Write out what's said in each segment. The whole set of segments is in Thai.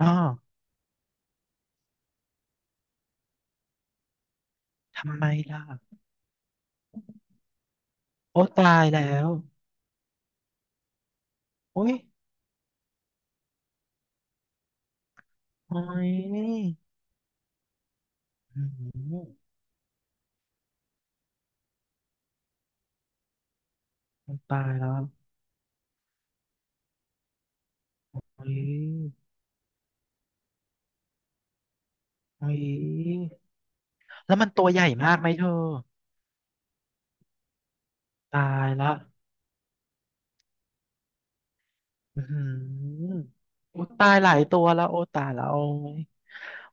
อ้อทำไมล่ะโอ้ตายแล้วโอ้ยโอ้ยอืมมันตายแล้วโอ้ยโอ้ยแล้วมันตัวใหญ่มากไหมเธอ ตายละอืมโอ้ตายหลายตัวแล้วโอ้ตายแล้วโอ้ย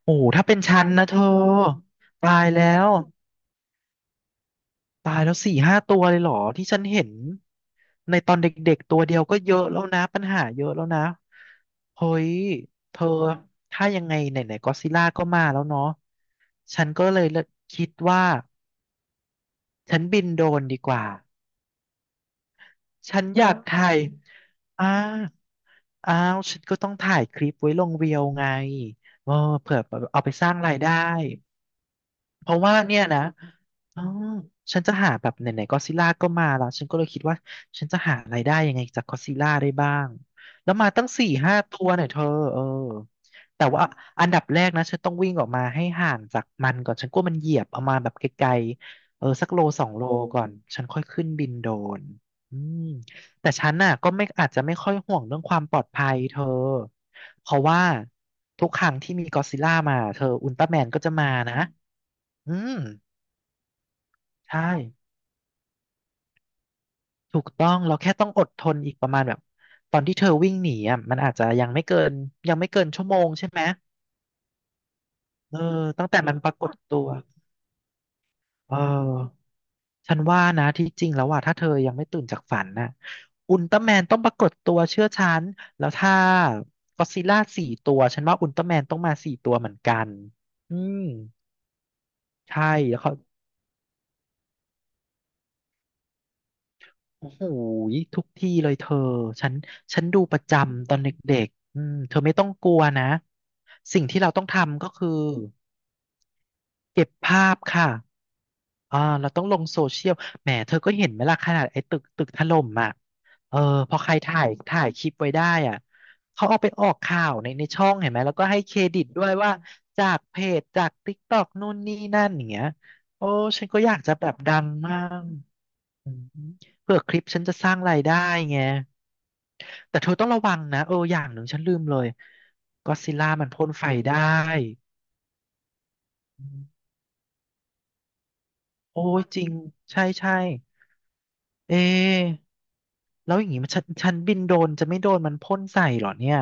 โอ้โหถ้าเป็นฉันนะเธอตายแล้ว ตายแล้ว4-5 ตัวเลยเหรอที่ฉันเห็นในตอนเด็กๆตัวเดียวก็เยอะแล้วนะปัญหาเยอะแล้วนะเฮ้ยเธอถ้ายังไงไหนๆก็ซิล่าก็มาแล้วเนาะฉันก็เลยคิดว่าฉันบินโดรนดีกว่าฉันอยากถ่ายอ้าอ้าวฉันก็ต้องถ่ายคลิปไว้ลงเรียวไงเออเผื่อเอาไปสร้างรายได้ เพราะว่าเนี่ยนะอ๋อฉันจะหาแบบไหนๆก็อดซิล่าก็มาแล้ว ฉันก็เลยคิดว่าฉันจะหารายได้ยังไงจากก็อดซิลล่าได้บ้าง แล้วมาตั้ง4-5 ตัวเนี่ยเธอเออแต่ว่าอันดับแรกนะฉันต้องวิ่งออกมาให้ห่างจากมันก่อน ฉันกลัวมันเหยียบเอามาแบบไกลๆเออสักโลสองโลก่อน ฉันค่อยขึ้นบินโดรนอืมแต่ฉันน่ะก็ไม่อาจจะไม่ค่อยห่วงเรื่องความปลอดภัยเธอเพราะว่าทุกครั้งที่มีก็อดซิลล่ามาเธออุลตร้าแมนก็จะมานะ อืมใช่ถูกต้องเราแค่ต้องอดทนอีกประมาณแบบตอนที่เธอวิ่งหนีอ่ะมันอาจจะยังไม่เกินชั่วโมงใช่ไหมเออตั้งแต่มันปรากฏตัวเออฉันว่านะที่จริงแล้วว่าถ้าเธอยังไม่ตื่นจากฝันน่ะอุลตร้าแมนต้องปรากฏตัวเชื่อฉันแล้วถ้าก็อดซิลล่าสี่ตัวฉันว่าอุลตร้าแมนต้องมาสี่ตัวเหมือนกันอืมใช่แล้วเขา โอ้โหยทุกที่เลยเธอฉันฉันดูประจำตอนเด็กๆอืมเธอไม่ต้องกลัวนะสิ่งที่เราต้องทำก็คือเก็บภาพค่ะอ่าเราต้องลงโซเชียลแหมเธอก็เห็นไหมล่ะขนาดไอ้ตึกตึกถล่มอ่ะเออพอใครถ่ายคลิปไว้ได้อ่ะเขาเอาไปออกข่าวในช่องเห็นไหมแล้วก็ให้เครดิตด้วยว่าจากเพจจากติ๊กต็อกนู่นนี่นั่นอย่างเงี้ยโอ้ฉันก็อยากจะแบบดังมากอืมเผื่อคลิปฉันจะสร้างรายได้ไง แต่เธอต้องระวังนะเอออย่างหนึ่งฉันลืมเลยก็ซิล่ามันพ่นไฟได้อืมโอ้ยจริงใช่ใช่เอะแล้วอย่างงี้มันฉันบินโดรนจะไม่โดนมันพ่นใส่เหรอเนี่ย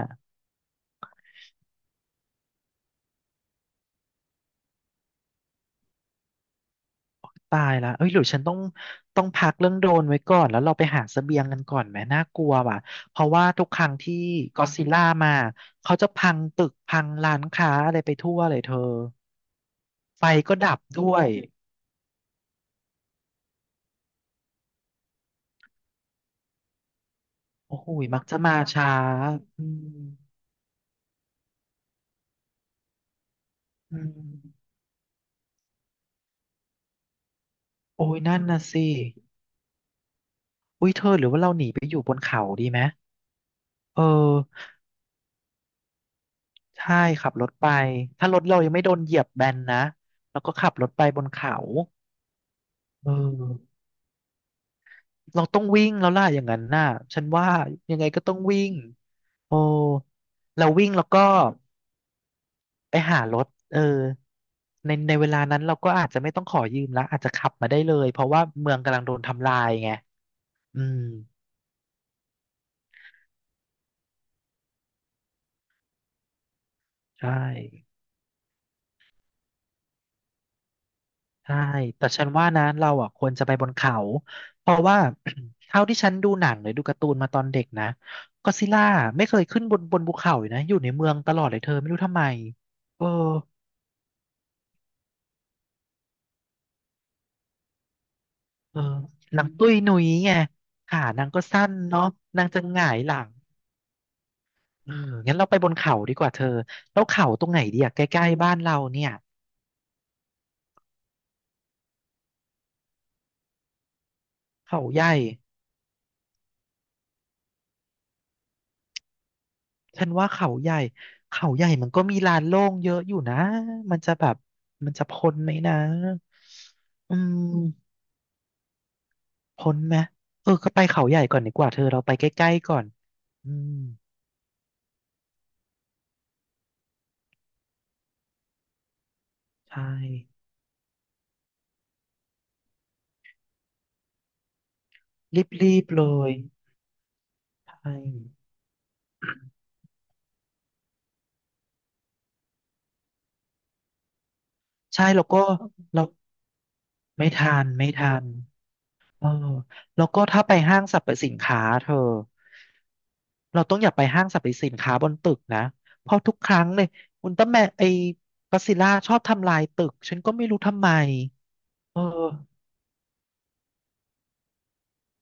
ตายละเอ้ยหรือฉันต้องพักเรื่องโดรนไว้ก่อนแล้วเราไปหาเสบียงกันก่อนไหมน่ากลัวว่ะเพราะว่าทุกครั้งที่ก็ซิลล่ามาเขาจะพังตึกพังร้านค้าอะไรไปทั่วเลยเธอไฟก็ดับด้วยโอ้โหมักจะมาช้าอืมอืม โอ้ยนั่นน่ะสิอุ้ยเธอหรือว่าเราหนีไปอยู่บนเขาดีไหมเออใช่ขับรถไปถ้ารถเรายังไม่โดนเหยียบแบนนะแล้วก็ขับรถไปบนเขาเออเราต้องวิ่งแล้วล่ะอย่างนั้นน่ะฉันว่ายังไงก็ต้องวิ่งโอ้เราวิ่งแล้วก็ไปหารถเออในเวลานั้นเราก็อาจจะไม่ต้องขอยืมละอาจจะขับมาได้เลยเพราะว่าเมืองกำลังโดนทำลายไงอืมใช่ ใช่ แต่ฉันว่านะ เราอ่ะควรจะไปบนเขา เพราะว่า เท่าที่ฉันดูหนังหรือดูการ์ตูนมาตอนเด็กนะก็ซิล่าไม่เคยขึ้นบนภูเขาเลยนะอยู่ในเมืองตลอดเลยเธอไม่รู้ทำไมเออเออนังตุ้ยหนุยไงขานางก็สั้นเนาะนางจะหงายหลังเอองั้นเราไปบนเขาดีกว่าเธอ แล้วเขาตรงไหนดีอะใกล้ๆบ้านเราเนี่ยเขาใหญ่ ฉันว่าเขาใหญ่เขาใหญ่มันก็มีลานโล่งเยอะอยู่นะมันจะแบบมันจะพ้นไหมนะอืมพ้นไหมเออก็ไปเขาใหญ่ก่อนดีกว่าเธอเราไปใกล้ๆก่อนอืมใช่รีบๆเลยใช่ใช่แล้วก็เราไม่ทันไม่ทันเออแล้วก็ถ้าไปห้างสรรพสินค้าเธอ เราต้องอย่าไปห้างสรรพสินค้าบนตึกนะเพราะทุกครั้งเลยอุลตร้าแมนไอ้ก็อดซิลล่าชอบทำลายตึกฉันก็ไม่รู้ทำไมเออ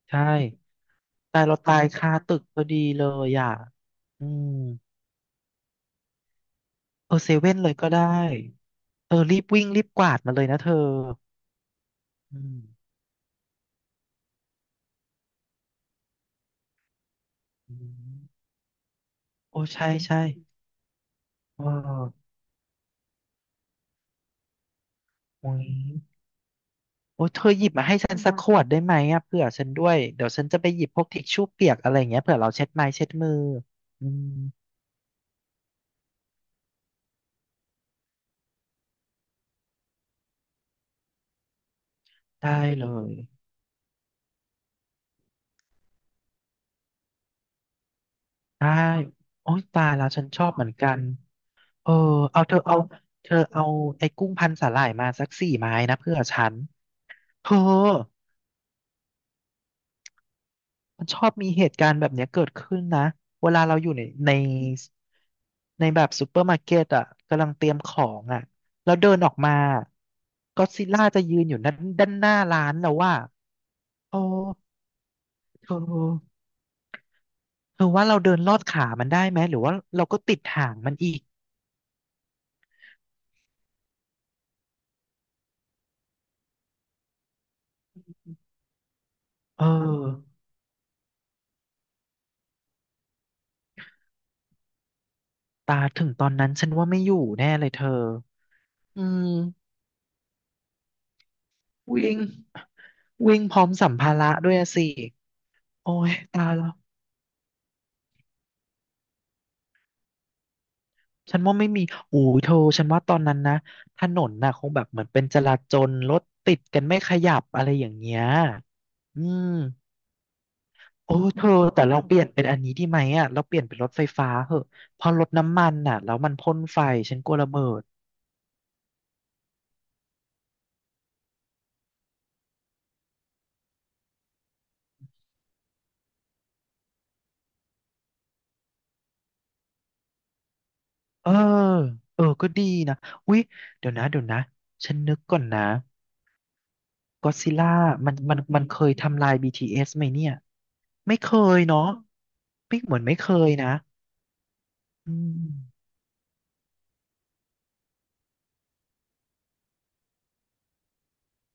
ใช่ตายเราตายคาตึกพอดีเลยอ่ะอืมเออเซเว่นเลยก็ได้เออรีบวิ่งรีบกวาดมาเลยนะเธออืมอืมโอ้ใช่ใช่เออโอ้ยโอ้เธอหยิบมาให้ฉันสักขวดได้ไหมอ่ะเผื่อฉันด้วยเดี๋ยวฉันจะไปหยิบพวกทิชชู่เปียกอะไรอย่างเงี้ยเผื่อเราเช็ดไม้เช็ดมืออืม ได้เลยได้โอ้ยตายแล้วฉันชอบเหมือนกันเออเอาเธอเอาเธอเอาไอ้กุ้งพันสาหร่ายมาสักสี่ไม้นะเพื่อฉันเธอมันชอบมีเหตุการณ์แบบเนี้ยเกิดขึ้นนะเวลาเราอยู่ในในแบบซูเปอร์มาร์เก็ตอ่ะกำลังเตรียมของอ่ะแล้วเดินออกมาก็อดซิลล่าจะยืนอยู่ด้านหน้าร้านแล้วว่าโอ้เธอเธอว่าเราเดินลอดขามันได้ไหมหรือว่าเราก็ติดหางมันอีกเออ ตาถึงตอนนั้นฉันว่าไม่อยู่แน่เลยเธออืมวิ่งวิ่งพร้อมสัมภาระด้วยอะสิ โอ้ยตายแล้วฉันว่าไม่มีโอ้ยเธอฉันว่าตอนนั้นนะถนนน่ะคงแบบเหมือนเป็นจราจรรถติดกันไม่ขยับอะไรอย่างเงี้ยอืมโอ้เธอแต่เราเปลี่ยนเป็นอันนี้ดีไหมอ่ะเราเปลี่ยนเป็นรถไฟฟ้าเหอะเพอรถน้ำมันน่ะแล้วมันพ่นไฟฉันกลัวระเบิดเออเออก็ดีนะอุ๊ยเดี๋ยวนะฉันนึกก่อนนะ ก็ซิล่ามันเคยทำลาย BTS ไหมเนี่ยไม่เคยเนาะไม่เหมือนไม่เคยนะอืม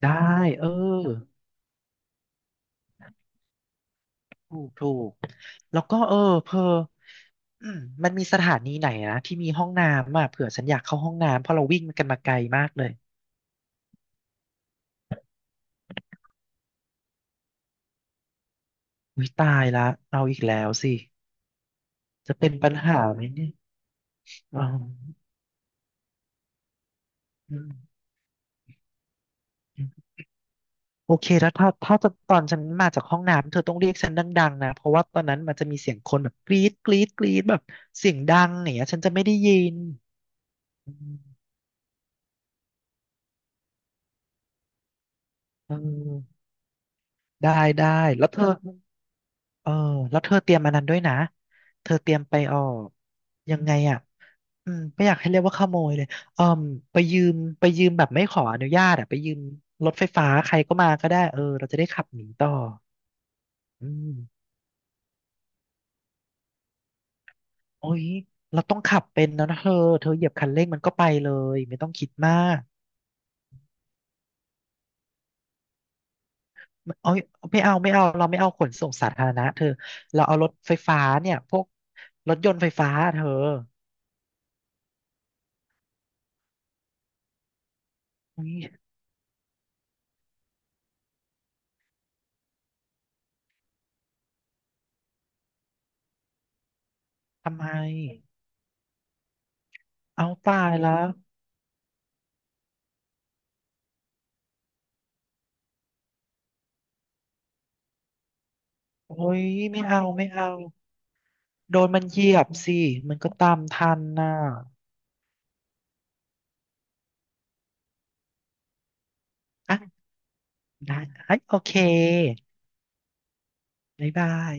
ได้เออถูกแล้วก็เออเพออืมมันมีสถานีไหนนะที่มีห้องน้ำอ่ะเผื่อฉันอยากเข้าห้องน้ำเพราะเราวิ่งกันมาไกลมากเลยอุ้ยตายละเราอีกแล้วสิจะเป็นปัญหาไหมเนี่ยอ๋ออืม โอเคแล้วถ้าตอนฉันมาจากห้องน้ำเธอต้องเรียกฉันดังๆนะเพราะว่าตอนนั้นมันจะมีเสียงคนแบบกรี๊ดแบบเสียงดังอย่างเงี้ยฉันจะไม่ได้ยินอืมเออได้ได้แล้วเธอเออแล้วเธอเตรียมอันนั้นด้วยนะเธอเตรียมไปออกยังไงอ่ะอืมไม่อยากให้เรียกว่าขโมยเลยเออไปยืมไปยืมแบบไม่ขออนุญาตอ่ะไปยืมรถไฟฟ้าใครก็มาก็ได้เออเราจะได้ขับหนีต่ออืม โอ้ยเราต้องขับเป็นแล้วนะเธอเธอเหยียบคันเร่งมันก็ไปเลยไม่ต้องคิดมากโอ้ยไม่เอาเราไม่เอาขนส่งสาธารณะเธอเราเอารถไฟฟ้าเนี่ยพวกรถยนต์ไฟฟ้าเธอโอ้ยทำไมเอาตายแล้วโอ้ยไม่เอาโดนมันเหยียบสิมันก็ตามทันน่ะอ่ะได้เอ้ยโอเคบ๊ายบาย